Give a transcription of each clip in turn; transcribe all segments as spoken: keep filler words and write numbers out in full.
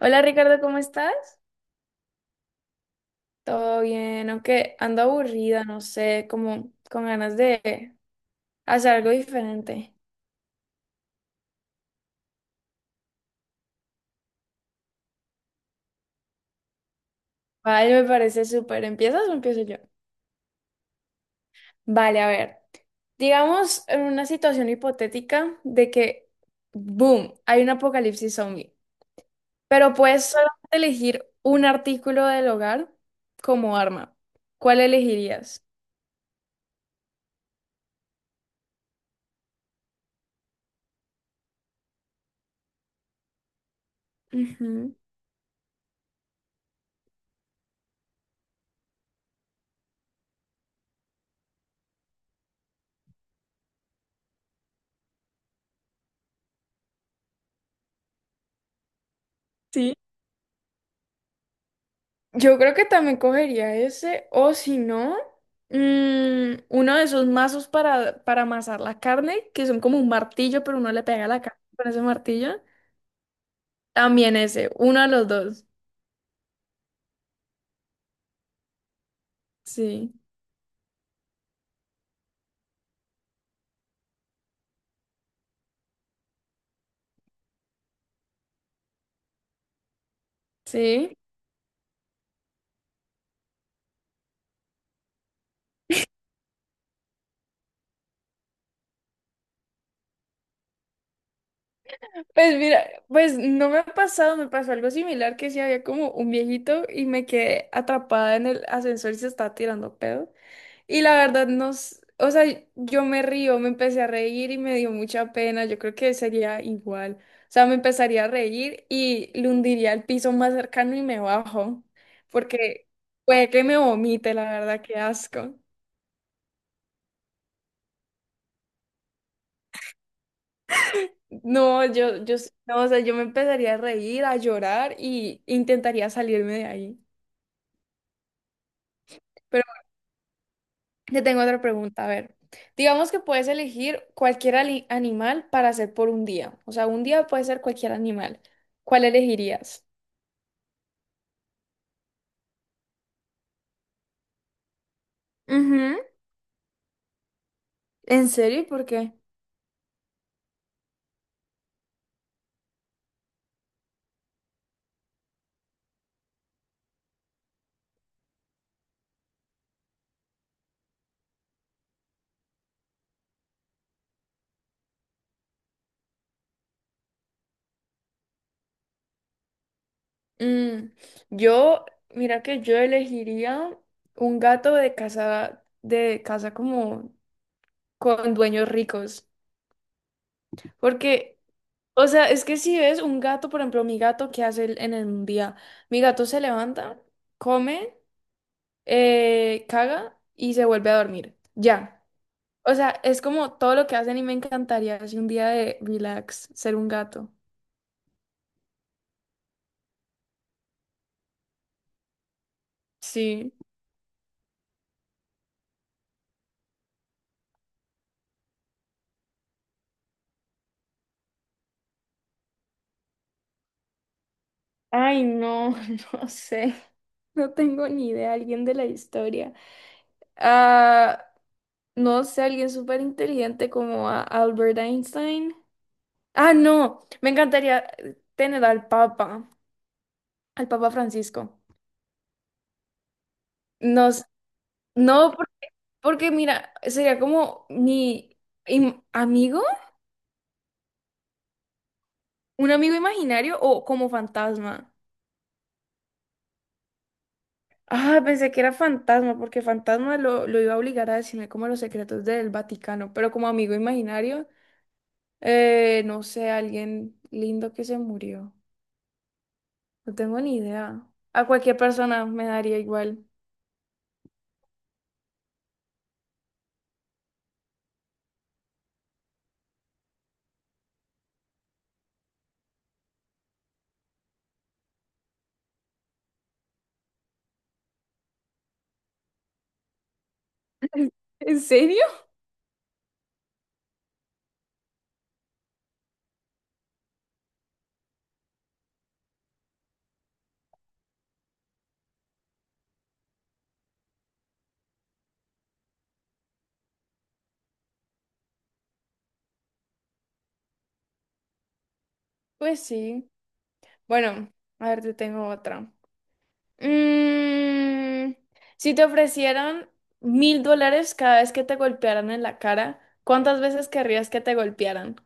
Hola Ricardo, ¿cómo estás? Todo bien, aunque ando aburrida, no sé, como con ganas de hacer algo diferente. Vale, me parece súper. ¿Empiezas o empiezo yo? Vale, a ver. Digamos en una situación hipotética de que, boom, hay un apocalipsis zombie, pero puedes solamente elegir un artículo del hogar como arma. ¿Cuál elegirías? Ujú. Sí. Yo creo que también cogería ese, o si no, mm, uno de esos mazos para, para amasar la carne, que son como un martillo, pero uno le pega la carne con ese martillo. También ese, uno de los dos. Sí, sí. Pues mira, pues no me ha pasado, me pasó algo similar que sí había como un viejito y me quedé atrapada en el ascensor y se estaba tirando pedo. Y la verdad, nos, o sea, yo me río, me empecé a reír y me dio mucha pena. Yo creo que sería igual. O sea, me empezaría a reír y le hundiría al piso más cercano y me bajo, porque puede que me vomite, la verdad, qué asco. No, yo, yo, no, o sea, yo me empezaría a reír, a llorar y intentaría salirme de ahí. Te tengo otra pregunta, a ver. Digamos que puedes elegir cualquier ali- animal para hacer por un día. O sea, un día puede ser cualquier animal. ¿Cuál elegirías? Ujú. ¿En serio? ¿Y ¿Por qué? Mm, yo, mira que yo elegiría un gato de casa, de casa, como con dueños ricos. Porque, o sea, es que si ves un gato, por ejemplo, mi gato, ¿qué hace él en el día? Mi gato se levanta, come. eh, caga y se vuelve a dormir. Ya. O sea, es como todo lo que hacen y me encantaría así un día de relax, ser un gato. Sí. Ay, no, no sé. No tengo ni idea, alguien de la historia. Ah, no sé, alguien súper inteligente como a Albert Einstein. Ah, no, me encantaría tener al Papa, al Papa Francisco. No, sé, no, porque, porque mira, sería como mi im- amigo. ¿Un amigo imaginario o como fantasma? Ah, pensé que era fantasma, porque fantasma lo, lo iba a obligar a decirme como los secretos del Vaticano, pero como amigo imaginario, eh, no sé, alguien lindo que se murió. No tengo ni idea. A cualquier persona me daría igual. ¿En serio? Pues sí. Bueno, a ver, te tengo otra. Mm, si te ofrecieran mil dólares cada vez que te golpearan en la cara, ¿cuántas veces querrías que te golpearan?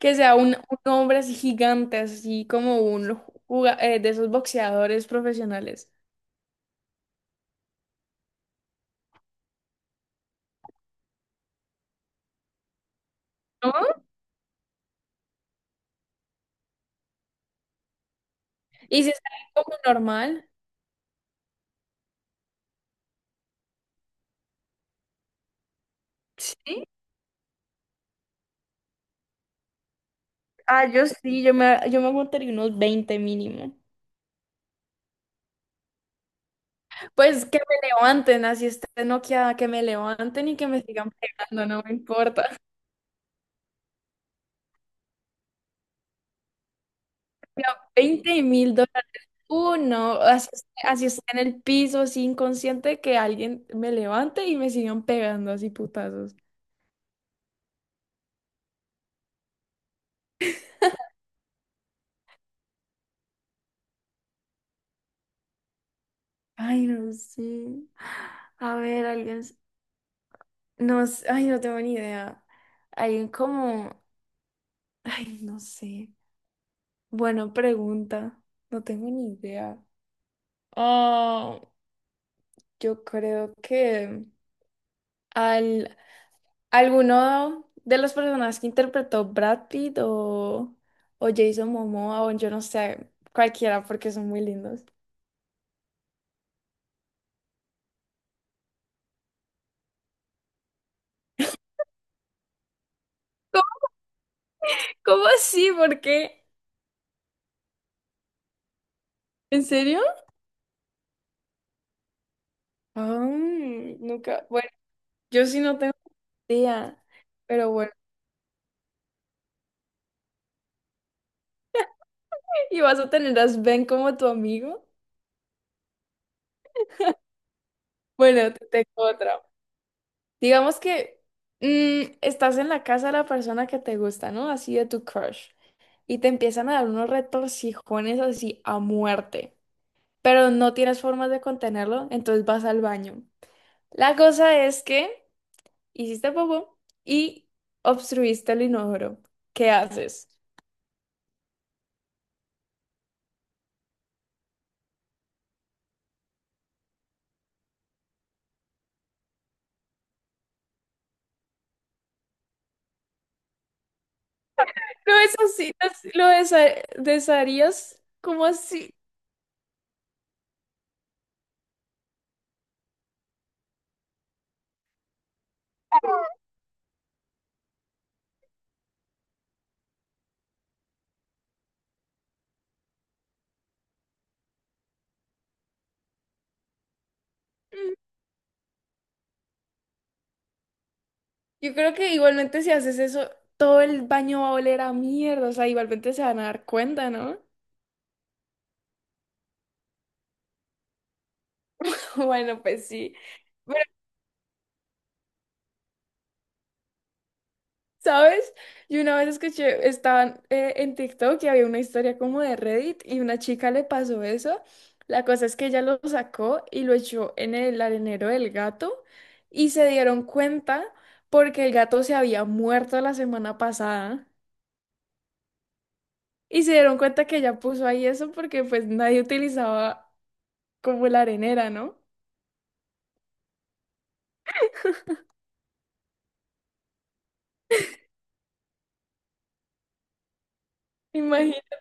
Que sea un, un hombre así gigante, así como un juga- eh, de esos boxeadores profesionales. ¿No? Y si sale como normal. Sí. Ah, yo sí, yo me, yo me aguantaría unos veinte mínimo. Pues que me levanten, así esté noqueada, que me levanten y que me sigan pegando, no me importa. Veinte mil dólares. Uno, así, esté- así esté en el piso, así inconsciente, que alguien me levante y me sigan pegando así putazos. Ay, no sé. A ver, alguien. No, s- ay, no tengo ni idea. Hay como, ay, no sé. Buena pregunta. No tengo ni idea. Ah, yo creo que al alguno de los personajes que interpretó Brad Pitt o, o Jason Momoa o yo no sé, cualquiera porque son muy lindos. ¿Cómo, cómo así? ¿Por qué? ¿En serio? Ah, nunca. Bueno, yo sí no tengo idea, pero bueno. ¿Y vas a tener a Sven como tu amigo? Bueno, te tengo otra. Digamos que mm, estás en la casa de la persona que te gusta, ¿no? Así de tu crush. Y te empiezan a dar unos retorcijones así a muerte. Pero no tienes formas de contenerlo, entonces vas al baño. La cosa es que hiciste popó y obstruiste el inodoro. ¿Qué haces? ¿Lo deshaci- des- ¿Lo desa- desharías? ¿Cómo así? Yo creo que igualmente si haces eso, todo el baño va a oler a mierda, o sea, igualmente se van a dar cuenta, ¿no? Bueno, pues sí. Pero, ¿sabes? Yo una vez escuché, estaban eh, en TikTok y había una historia como de Reddit y una chica le pasó eso. La cosa es que ella lo sacó y lo echó en el arenero del gato y se dieron cuenta porque el gato se había muerto la semana pasada y se dieron cuenta que ella puso ahí eso porque pues nadie utilizaba como la arenera, ¿no? Imagina,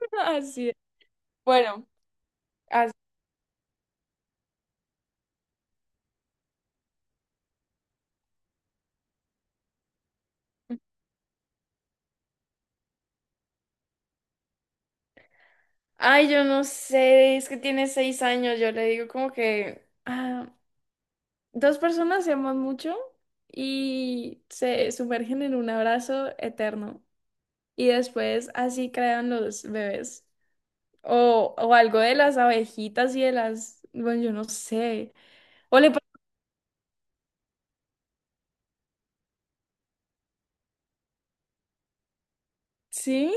así es. Bueno, as- ay, yo no sé, es que tiene seis años, yo le digo como que ah, dos personas se aman mucho y se sumergen en un abrazo eterno y después así crean los bebés. O, o algo de las abejitas y de las, bueno, yo no sé. O le, pa- sí,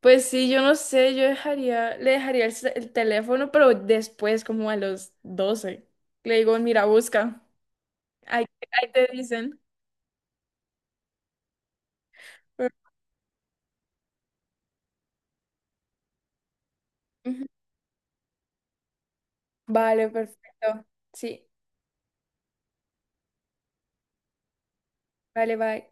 pues sí, yo no sé, yo dejaría, le dejaría el, ce- el teléfono, pero después como a los doce, le digo, mira, busca. Ahí, ahí te dicen. Ujú. Vale, perfecto. Sí, vale, bye.